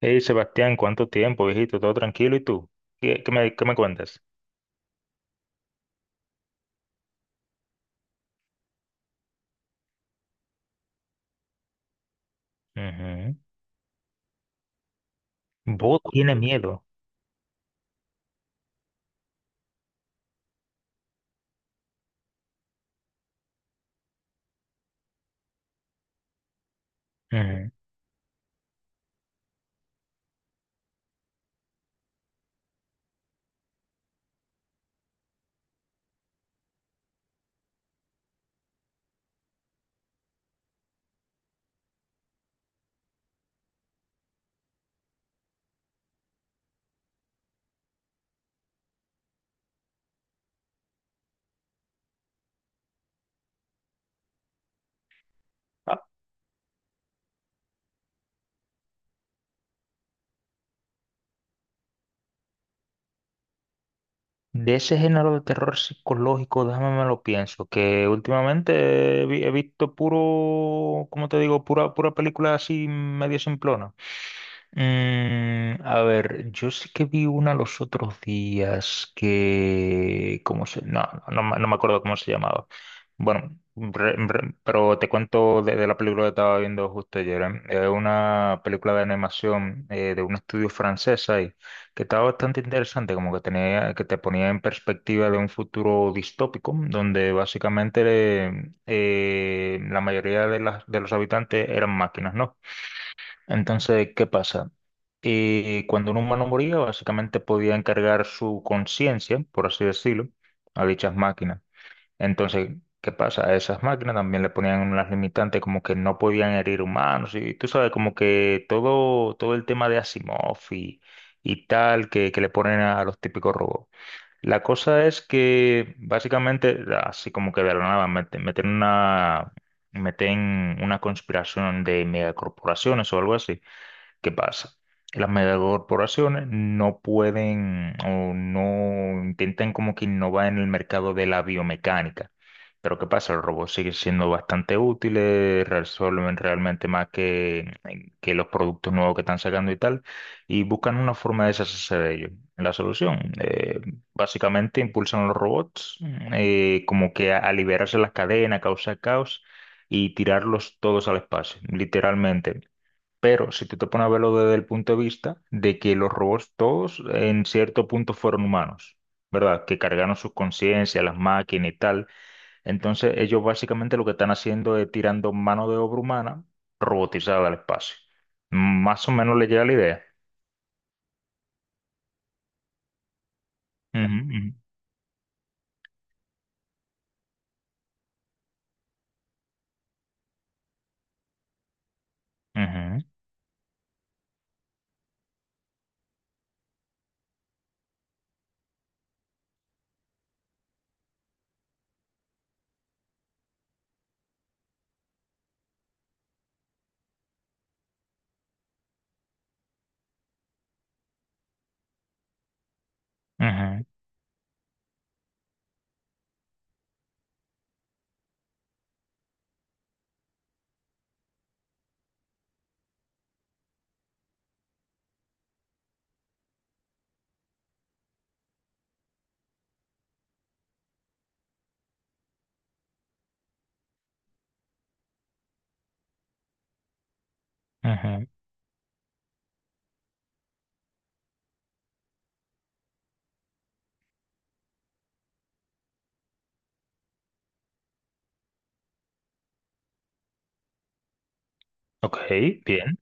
Hey Sebastián, ¿cuánto tiempo, viejito? ¿Todo tranquilo? ¿Y tú? ¿Qué me cuentas? Ujú. Bo tiene miedo. Ujú. De ese género de terror psicológico, déjame me lo pienso, que últimamente he visto puro, ¿cómo te digo? Pura película así medio simplona. A ver, yo sí que vi una los otros días que, ¿cómo se? No, me acuerdo cómo se llamaba. Bueno, pero te cuento de la película que estaba viendo justo ayer. ¿Eh? Es una película de animación de un estudio francés ahí que estaba bastante interesante, como que tenía, que te ponía en perspectiva de un futuro distópico, donde básicamente la mayoría de las, de los habitantes eran máquinas, ¿no? Entonces, ¿qué pasa? Y cuando un humano moría, básicamente podía encargar su conciencia, por así decirlo, a dichas máquinas. Entonces, ¿qué pasa? A esas máquinas también le ponían unas limitantes como que no podían herir humanos y tú sabes, como que todo, todo el tema de Asimov y tal que le ponen a los típicos robots. La cosa es que básicamente, así como que de la nada, meten una conspiración de megacorporaciones o algo así. ¿Qué pasa? Las megacorporaciones no pueden o no intentan como que innovar en el mercado de la biomecánica. Pero ¿qué pasa? Los robots siguen siendo bastante útiles, resuelven realmente más que los productos nuevos que están sacando y tal, y buscan una forma de deshacerse de ellos. La solución, básicamente impulsan a los robots como que a liberarse las cadenas, causar caos y tirarlos todos al espacio, literalmente. Pero si tú te pones a verlo desde el punto de vista de que los robots todos en cierto punto fueron humanos, ¿verdad? Que cargaron sus conciencias, las máquinas y tal. Entonces ellos básicamente lo que están haciendo es tirando mano de obra humana robotizada al espacio. Más o menos le llega la idea. Ujú, ujú, ujú, ujú, ujú. Ok, bien.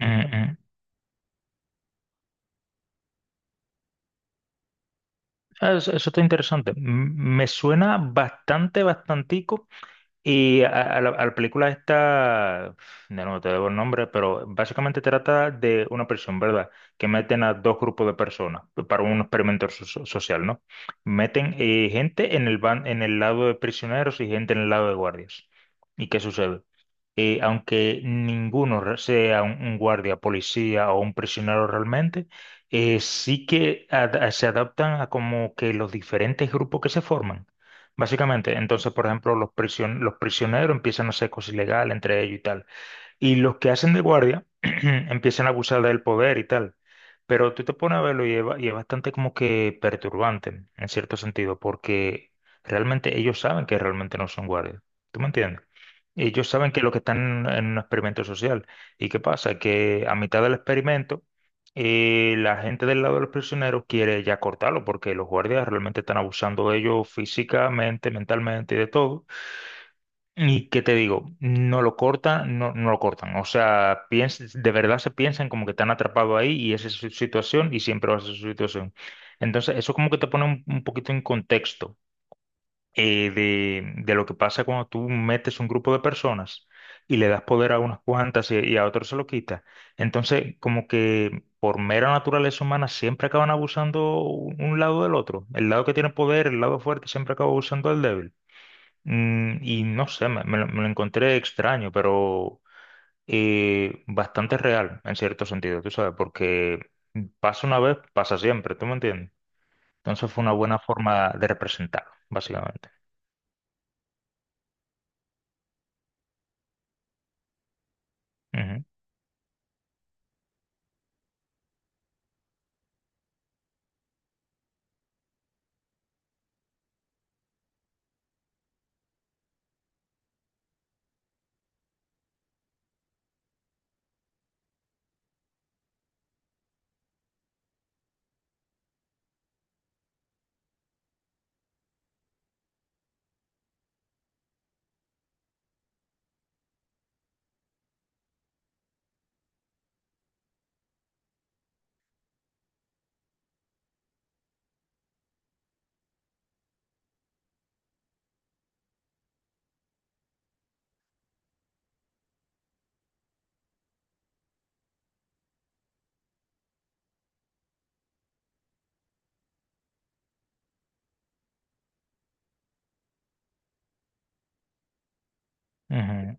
Ujú, ujú. Ah, eso está interesante. Me suena bastante, bastantico. Y a, a a la película esta, no, no te debo el nombre, pero básicamente trata de una prisión, ¿verdad? Que meten a dos grupos de personas para un experimento social, ¿no? Meten gente en en el lado de prisioneros y gente en el lado de guardias. ¿Y qué sucede? Aunque ninguno sea un guardia, policía o un prisionero realmente, sí que se adaptan a como que los diferentes grupos que se forman. Básicamente, entonces, por ejemplo, los prisioneros empiezan a hacer cosas ilegales entre ellos y tal. Y los que hacen de guardia empiezan a abusar del poder y tal. Pero tú te pones a verlo y y es bastante como que perturbante, en cierto sentido, porque realmente ellos saben que realmente no son guardias. ¿Tú me entiendes? Ellos saben que lo que están en un experimento social. ¿Y qué pasa? Que a mitad del experimento, la gente del lado de los prisioneros quiere ya cortarlo, porque los guardias realmente están abusando de ellos físicamente, mentalmente y de todo. Y qué te digo, no lo cortan, no, no lo cortan. O sea, de verdad se piensan como que te han atrapado ahí y esa es su situación y siempre va a ser su situación. Entonces, eso como que te pone un poquito en contexto, de lo que pasa cuando tú metes un grupo de personas y le das poder a unas cuantas y a otros se lo quita. Entonces, como que por mera naturaleza humana siempre acaban abusando un lado del otro. El lado que tiene poder, el lado fuerte, siempre acaba abusando del débil. Y no sé, me lo encontré extraño, pero bastante real en cierto sentido, tú sabes, porque pasa una vez, pasa siempre, ¿tú me entiendes? Entonces fue una buena forma de representarlo, básicamente. Ujú, ujú.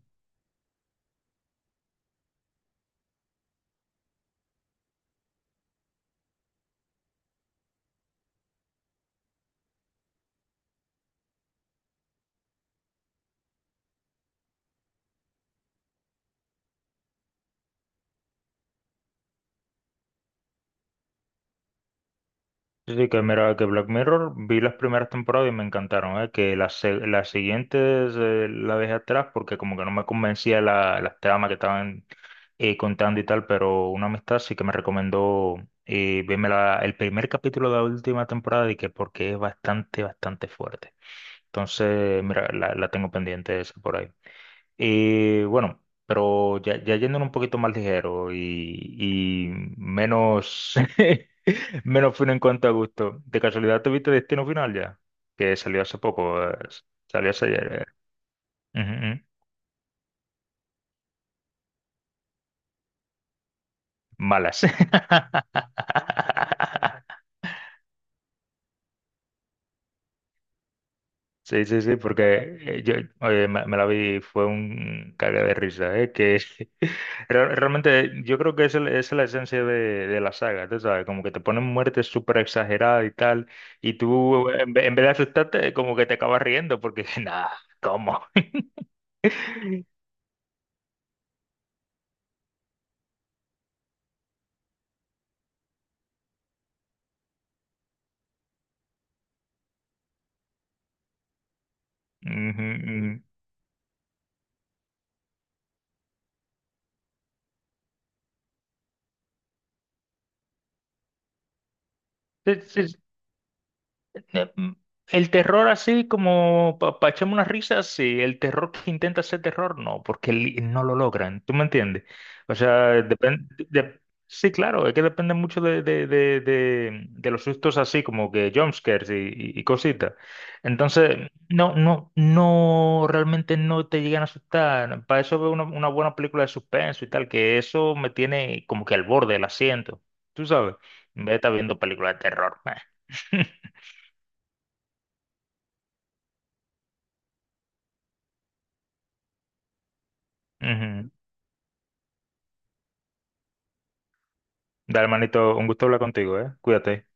Sí, sí, que mira, que Black Mirror vi las primeras temporadas y me encantaron, ¿eh? Que las siguientes la dejé atrás porque como que no me convencía las tramas que estaban contando y tal, pero una amistad sí que me recomendó verme el primer capítulo de la última temporada y que porque es bastante, bastante fuerte. Entonces, mira, la tengo pendiente esa por ahí. Y bueno, pero ya, ya yéndonos un poquito más ligero y menos... Menos fino en cuanto a gusto. ¿De casualidad tuviste Destino Final ya? Que salió hace poco. Salió hace ayer. Ujú, ujú. Malas. Sí, sí, sí, porque yo oye, me la vi, fue un cague de risa, ¿eh? Que realmente yo creo que es la esencia de la saga, tú sabes, como que te ponen muertes súper exageradas y tal, y tú en vez de asustarte, como que te acabas riendo, porque nada, ¿cómo? Ujú, ujú. Sí, sí, eh, mm, el terror así como para echarme una risa, sí. El terror que intenta ser terror, no, porque no lo logran. ¿Tú me entiendes? O sea, depende... Sí, claro, es que depende mucho de los sustos así como que jumpscares y cositas. Entonces, no, no, no, realmente no te llegan a asustar. Para eso veo una buena película de suspenso y tal, que eso me tiene como que al borde del asiento. Tú sabes, en vez de estar viendo películas de terror. Ujú. Dale, manito, un gusto hablar contigo, ¿eh? Cuídate.